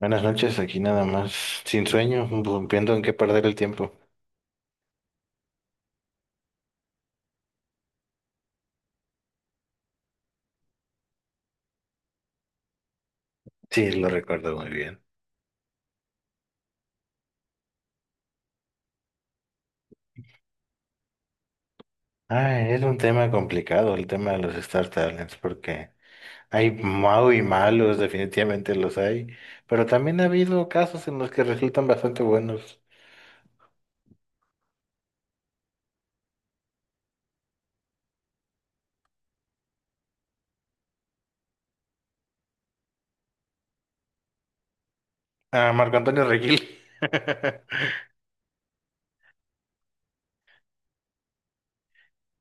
Buenas noches, aquí nada más, sin sueño, rompiendo en qué perder el tiempo. Sí, lo recuerdo muy bien. Ah, es un tema complicado el tema de los Star Talents, porque hay mau y malos, definitivamente los hay, pero también ha habido casos en los que resultan bastante buenos. Ah, Marco Antonio Regil.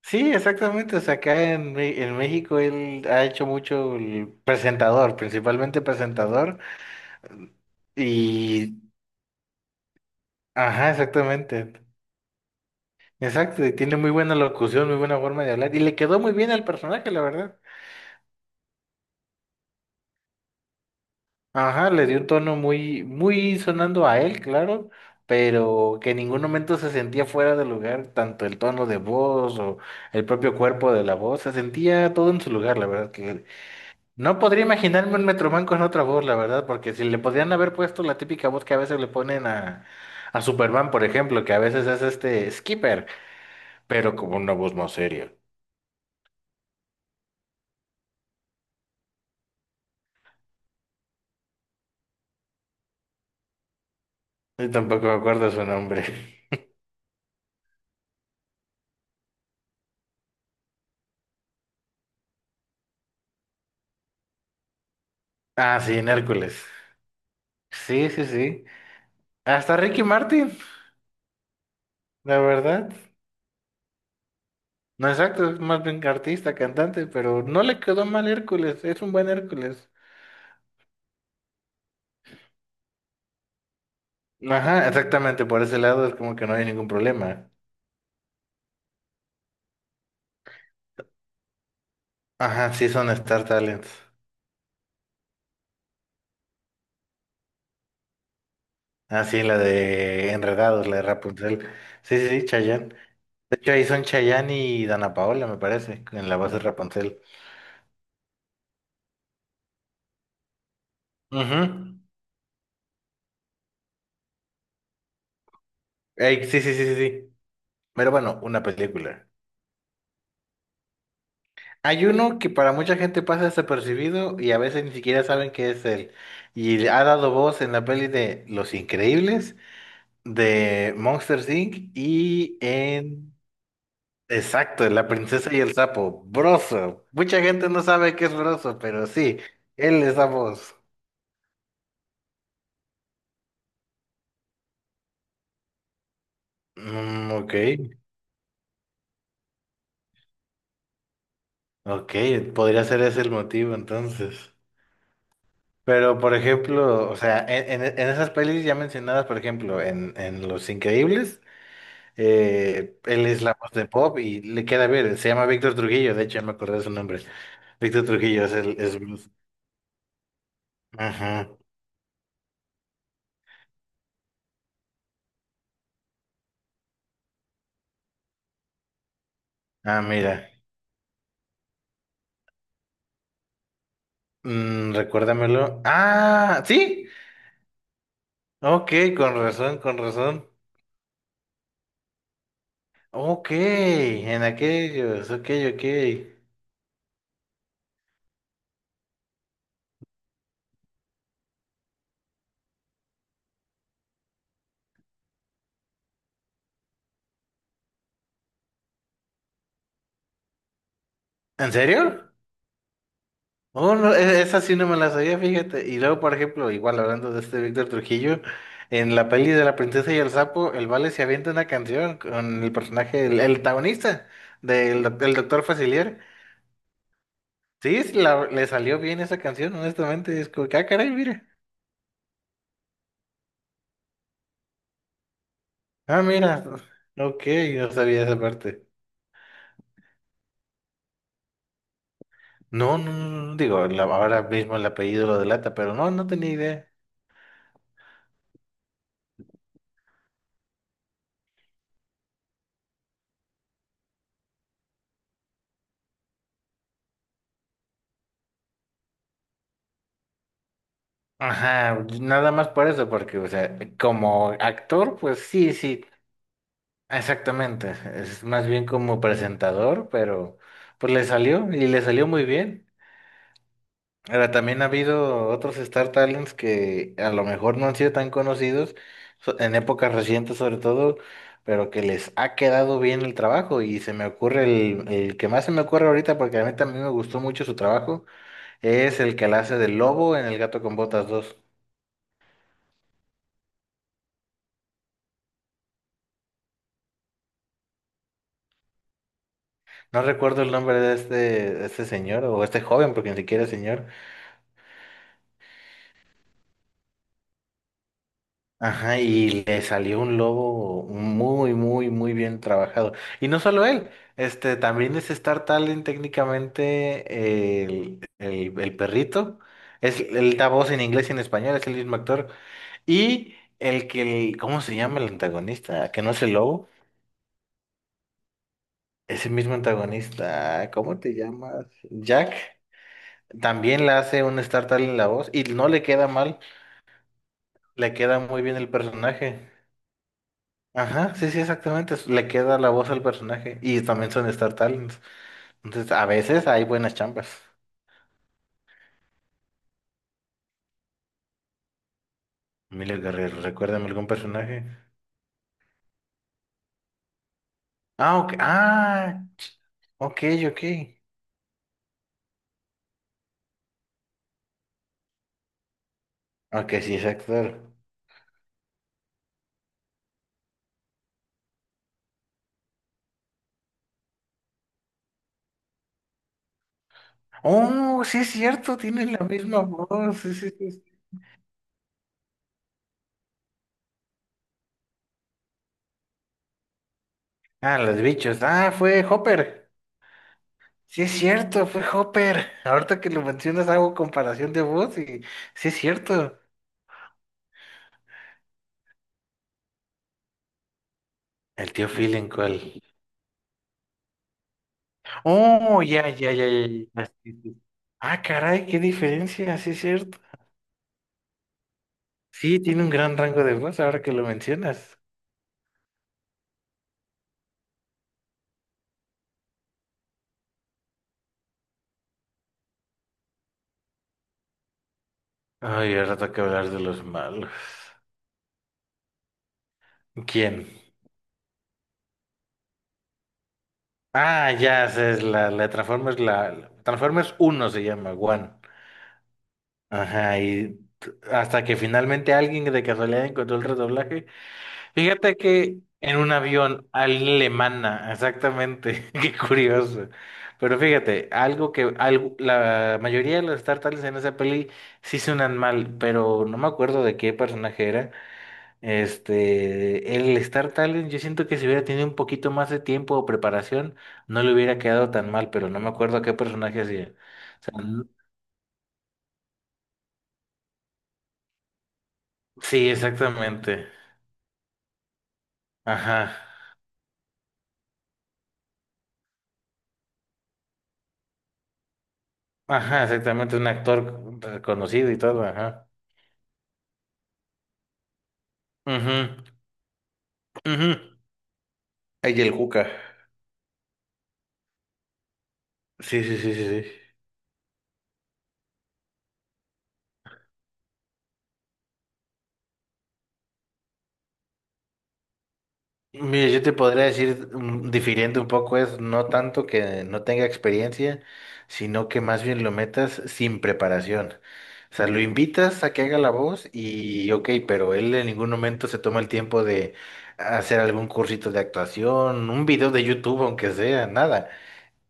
Sí, exactamente, o sea, acá en México él ha hecho mucho el presentador, principalmente presentador, y... Ajá, exactamente. Exacto, y tiene muy buena locución, muy buena forma de hablar, y le quedó muy bien al personaje, la verdad. Ajá, le dio un tono muy, muy sonando a él, claro, pero que en ningún momento se sentía fuera de lugar, tanto el tono de voz o el propio cuerpo de la voz, se sentía todo en su lugar, la verdad, que no podría imaginarme un Metroman con otra voz, la verdad, porque si le podrían haber puesto la típica voz que a veces le ponen a Superman, por ejemplo, que a veces es este Skipper, pero como una voz más seria. Y tampoco me acuerdo su nombre. Ah, sí, en Hércules. Sí, sí, sí. Hasta Ricky Martin, la verdad. No exacto, es más bien artista, cantante, pero no le quedó mal Hércules, es un buen Hércules. Ajá, exactamente, por ese lado es como que no hay ningún problema. Ajá, sí son Star Talents. Ah, sí, la de Enredados, la de Rapunzel. Sí, sí, sí, Chayanne. De hecho, ahí son Chayanne y Dana Paola, me parece, en la voz de Rapunzel. Ujú. Ey, sí, sí, sí, sí, sí. Pero bueno, una película. Hay uno que para mucha gente pasa desapercibido y a veces ni siquiera saben que es él. Y ha dado voz en la peli de Los Increíbles, de Monsters Inc. y en... Exacto, en La Princesa y el Sapo, Broso. Mucha gente no sabe qué es Broso, pero sí, él es la voz. Mm, ok, ok, podría ser ese el motivo entonces. Pero, por ejemplo, o sea, en, en esas pelis ya mencionadas, por ejemplo, en Los Increíbles. Él es la voz de Bob y le queda bien. Se llama Víctor Trujillo, de hecho, ya me acordé de su nombre. Víctor Trujillo es Bruce. Ajá. Ah, mira. Mm, recuérdamelo. Ah, sí. Ok, con razón, con razón. Ok, en aquellos. Ok, ok. ¿En serio? Oh, no, esa sí no me la sabía, fíjate. Y luego, por ejemplo, igual hablando de este Víctor Trujillo, en la peli de La Princesa y el Sapo, el Vale se avienta una canción con el personaje, el protagonista el doctor Facilier. Sí, le salió bien esa canción, honestamente. Es como que, ah, caray, mira. Ah, mira. Ok, no sabía esa parte. No, no, no, no, digo, ahora mismo el apellido lo delata, pero no, no tenía idea. Ajá, nada más por eso, porque, o sea, como actor, pues sí, sí. Exactamente, es más bien como presentador, pero pues le salió y le salió muy bien. Ahora también ha habido otros Star Talents que a lo mejor no han sido tan conocidos en épocas recientes sobre todo, pero que les ha quedado bien el trabajo y se me ocurre el que más se me ocurre ahorita porque a mí también me gustó mucho su trabajo, es el que la hace del lobo en El Gato con Botas dos. No recuerdo el nombre de este señor o este joven porque ni siquiera es señor. Ajá, y le salió un lobo muy, muy, muy bien trabajado. Y no solo él, este también es Star Talent técnicamente el perrito. Él da voz en inglés y en español, es el mismo actor. Y ¿cómo se llama el antagonista? Que no es el lobo, ese mismo antagonista, ¿cómo te llamas? Jack. También le hace un Star Talent la voz y no le queda mal, le queda muy bien el personaje. Ajá, sí, sí, exactamente. Le queda la voz al personaje. Y también son Star Talents. Entonces, a veces hay buenas chambas. Emilia Guerrero, recuérdame algún personaje. Ah, ok. Ah, ok, ok. Ok, sí, es actor. Oh, sí es cierto, tiene la misma voz. Sí, sí, sí. Ah, los bichos. Ah, fue Hopper. Sí es cierto, fue Hopper. Ahorita que lo mencionas hago comparación de voz y sí es cierto. ¿El tío Phil en cuál? Oh, ya, ya, ya, ya. Ya, ah, sí, sí. Ah, caray, qué diferencia, sí es cierto. Sí, tiene un gran rango de voz ahora que lo mencionas. Ay, ahora toca hablar de los malos. ¿Quién? Ah, ya, sé, es la Transformers, Transformers 1 se llama, One. Ajá, y hasta que finalmente alguien de casualidad encontró el redoblaje. Fíjate que en un avión alemana, exactamente, qué curioso. Pero fíjate, algo que algo, la mayoría de las tartales en esa peli sí suenan mal, pero no me acuerdo de qué personaje era. Este, el Star Talent, yo siento que si hubiera tenido un poquito más de tiempo o preparación, no le hubiera quedado tan mal, pero no me acuerdo a qué personaje hacía. O sea, sí, exactamente. Ajá. Ajá, exactamente, un actor reconocido y todo, ajá. Ujú, ujú. Ay, el cuca. Sí, sí, sí, sí, sí. Mira, yo te podría decir, difiriendo un poco, es no tanto que no tenga experiencia, sino que más bien lo metas sin preparación. O sea, lo invitas a que haga la voz y ok, pero él en ningún momento se toma el tiempo de hacer algún cursito de actuación, un video de YouTube, aunque sea, nada.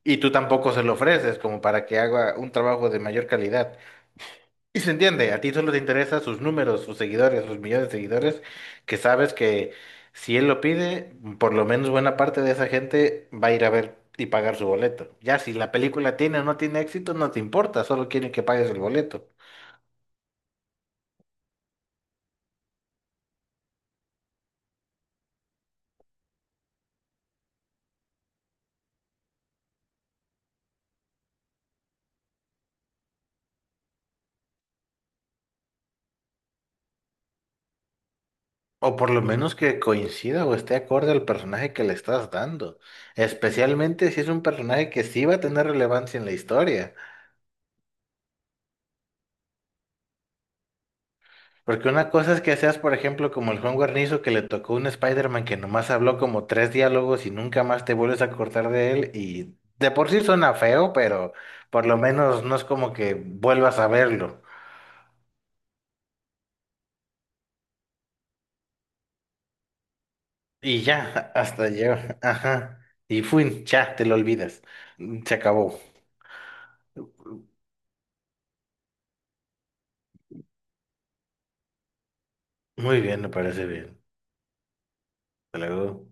Y tú tampoco se lo ofreces como para que haga un trabajo de mayor calidad. Y se entiende, a ti solo te interesan sus números, sus seguidores, sus millones de seguidores, que sabes que si él lo pide, por lo menos buena parte de esa gente va a ir a ver y pagar su boleto. Ya si la película tiene o no tiene éxito, no te importa, solo quieren que pagues el boleto. O por lo menos que coincida o esté acorde al personaje que le estás dando, especialmente si es un personaje que sí va a tener relevancia en la historia. Porque una cosa es que seas, por ejemplo, como el Juan Guarnizo que le tocó un Spider-Man que nomás habló como tres diálogos y nunca más te vuelves a acordar de él. Y de por sí suena feo, pero por lo menos no es como que vuelvas a verlo. Y ya, hasta llega. Ajá. Y fui, ya, te lo olvidas. Se acabó. Muy bien, me parece bien. Hasta luego.